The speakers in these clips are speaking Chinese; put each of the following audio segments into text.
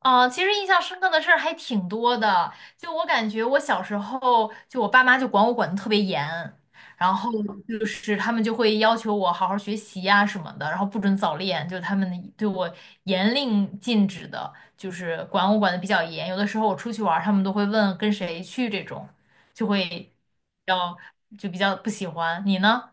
啊、其实印象深刻的事儿还挺多的。就我感觉，我小时候就我爸妈就管我管得特别严，然后就是他们就会要求我好好学习呀、什么的，然后不准早恋，就他们对我严令禁止的，就是管我管得比较严。有的时候我出去玩儿，他们都会问跟谁去这种，就会比较就比较不喜欢。你呢？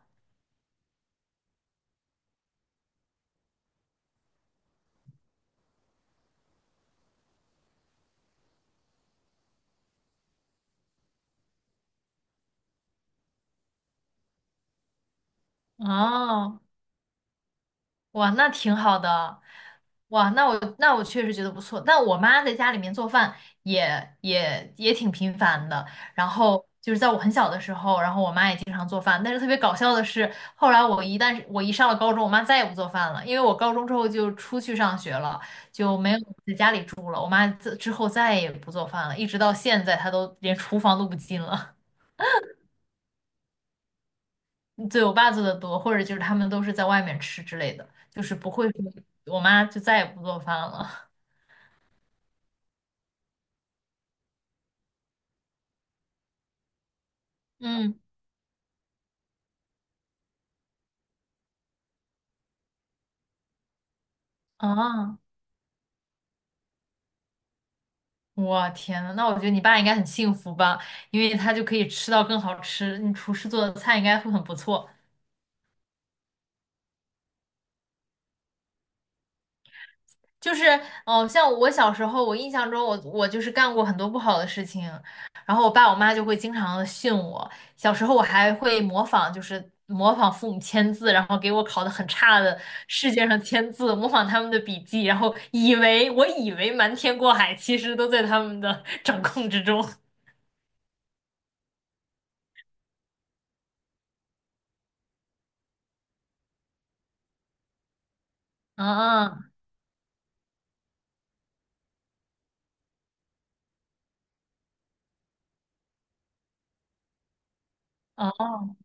哦。哇，那挺好的。哇，那我确实觉得不错。但我妈在家里面做饭也挺频繁的。然后就是在我很小的时候，然后我妈也经常做饭。但是特别搞笑的是，后来我一上了高中，我妈再也不做饭了，因为我高中之后就出去上学了，就没有自己住了。我妈之后再也不做饭了，一直到现在她都连厨房都不进了。对，我爸做的多，或者就是他们都是在外面吃之类的，就是不会说我妈就再也不做饭了。嗯。啊，我天呐，那我觉得你爸应该很幸福吧，因为他就可以吃到更好吃，你厨师做的菜应该会很不错。就是，哦，像我小时候，我印象中我就是干过很多不好的事情，然后我爸我妈就会经常的训我。小时候我还会模仿，就是模仿父母签字，然后给我考的很差的试卷上签字，模仿他们的笔记，然后以为瞒天过海，其实都在他们的掌控之中。啊，哦。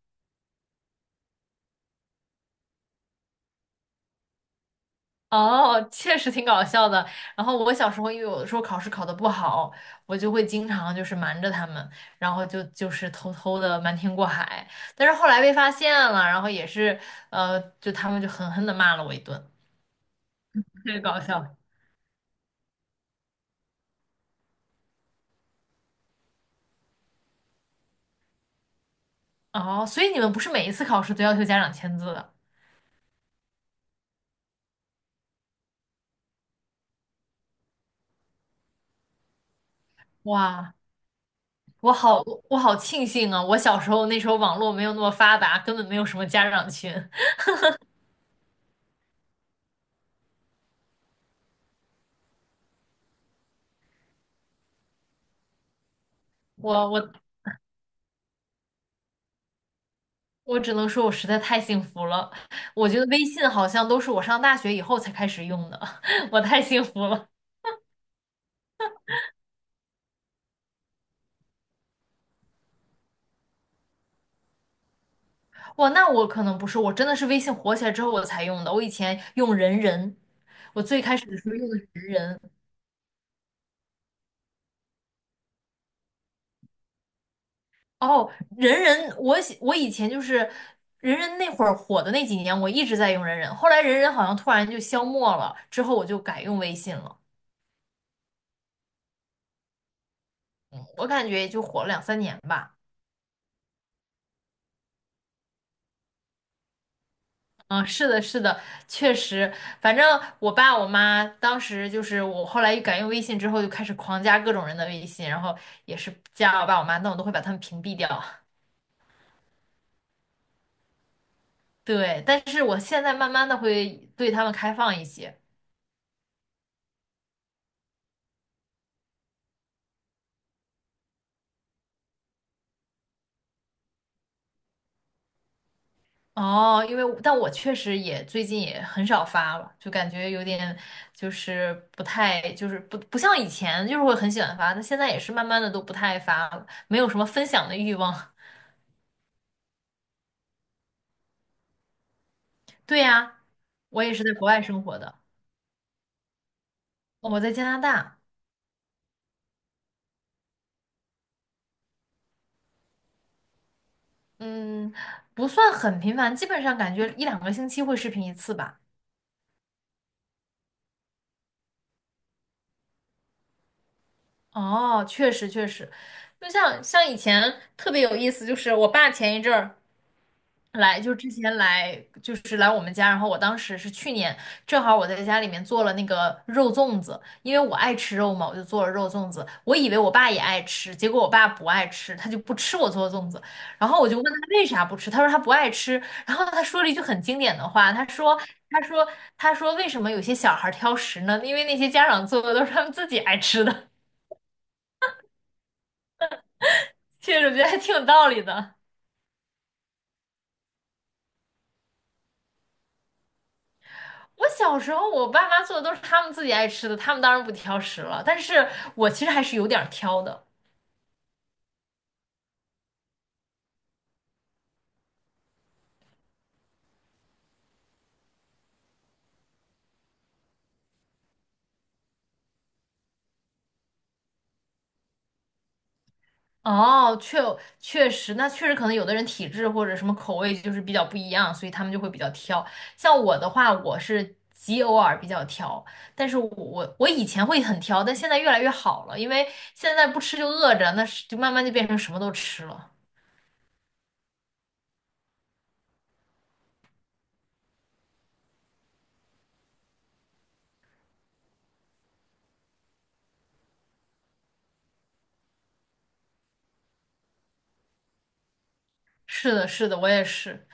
哦，确实挺搞笑的。然后我小时候，因为有的时候考试考得不好，我就会经常就是瞒着他们，然后就是偷偷的瞒天过海。但是后来被发现了，然后也是就他们就狠狠的骂了我一顿，特别搞笑。哦，所以你们不是每一次考试都要求家长签字的？哇，我好我好庆幸啊！我小时候那时候网络没有那么发达，根本没有什么家长群。我我我只能说，我实在太幸福了。我觉得微信好像都是我上大学以后才开始用的，我太幸福了。哇，那我可能不是，我真的是微信火起来之后我才用的。我以前用人人，我最开始的时候用的是人人。哦，人人，我以前就是人人那会儿火的那几年，我一直在用人人。后来人人好像突然就消没了，之后我就改用微信了。我感觉也就火了两三年吧。嗯，是的，是的，确实，反正我爸我妈当时就是我后来一改用微信之后，就开始狂加各种人的微信，然后也是加我爸我妈，但我都会把他们屏蔽掉。对，但是我现在慢慢的会对他们开放一些。哦，因为我但我确实也最近也很少发了，就感觉有点就是不太就是不不像以前就是会很喜欢发，但现在也是慢慢的都不太发了，没有什么分享的欲望。对呀，我也是在国外生活的。我在加拿大。嗯，不算很频繁，基本上感觉一两个星期会视频一次吧。哦，确实确实，就像以前特别有意思，就是我爸前一阵儿来，就之前来，就是来我们家，然后我当时是去年，正好我在家里面做了那个肉粽子，因为我爱吃肉嘛，我就做了肉粽子。我以为我爸也爱吃，结果我爸不爱吃，他就不吃我做的粽子。然后我就问他为啥不吃，他说他不爱吃。然后他说了一句很经典的话，他说，他说为什么有些小孩挑食呢？因为那些家长做的都是他们自己爱吃的。确实我觉得还挺有道理的。我小时候，我爸妈做的都是他们自己爱吃的，他们当然不挑食了。但是我其实还是有点儿挑的。哦，确实，那确实可能有的人体质或者什么口味就是比较不一样，所以他们就会比较挑。像我的话，我是极偶尔比较挑，但是我以前会很挑，但现在越来越好了，因为现在不吃就饿着，那是就慢慢就变成什么都吃了。是的，是的，我也是。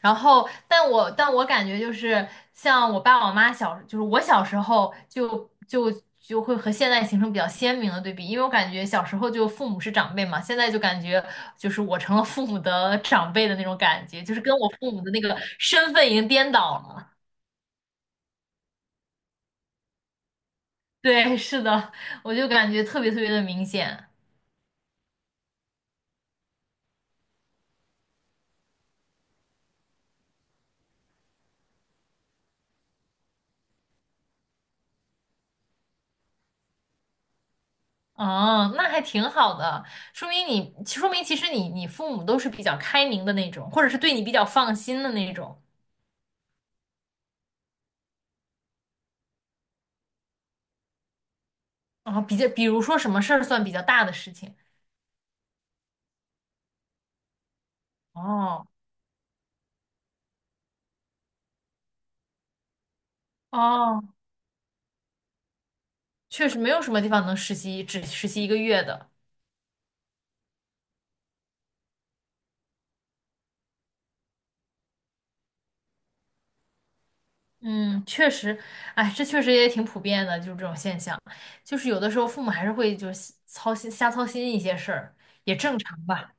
然后，但我感觉就是像我爸我妈小，就是我小时候就就会和现在形成比较鲜明的对比，因为我感觉小时候就父母是长辈嘛，现在就感觉就是我成了父母的长辈的那种感觉，就是跟我父母的那个身份已经颠倒了。对，是的，我就感觉特别特别的明显。哦，那还挺好的，说明你，说明其实你你父母都是比较开明的那种，或者是对你比较放心的那种。哦，比较，比如说什么事儿算比较大的事情？哦哦，确实没有什么地方能实习，只实习一个月的。嗯，确实，哎，这确实也挺普遍的，就是这种现象，就是有的时候父母还是会就是操心瞎操心一些事儿，也正常吧。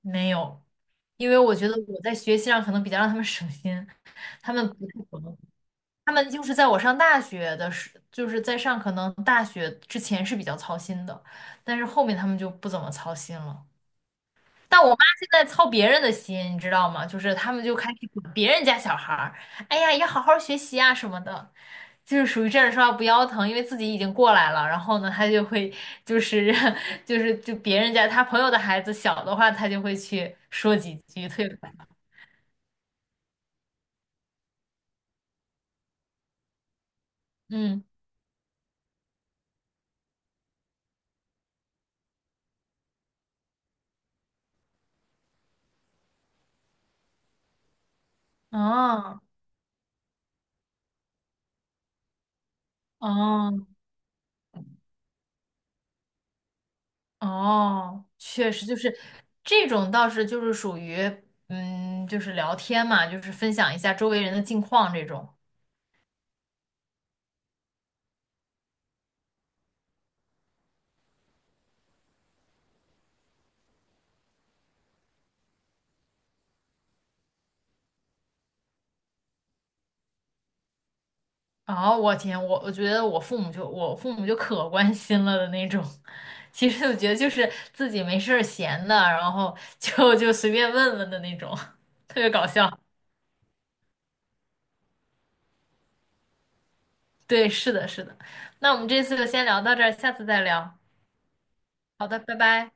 没有，因为我觉得我在学习上可能比较让他们省心，他们不太懂，他们就是在我上大学的时，就是在上可能大学之前是比较操心的，但是后面他们就不怎么操心了。但我妈现在操别人的心，你知道吗？就是他们就开始管别人家小孩儿，哎呀，要好好学习啊什么的，就是属于站着说话不腰疼，因为自己已经过来了。然后呢，他就会就是 就是就别人家他朋友的孩子小的话，他就会去说几句退回嗯，哦哦哦，确实就是这种倒是就是属于嗯，就是聊天嘛，就是分享一下周围人的近况这种。哦，我天，我觉得我父母就可关心了的那种。其实我觉得就是自己没事儿闲的，然后 就随便问问的那种，特别搞笑。对，是的，是的。那我们这次就先聊到这儿，下次再聊。好的，拜拜。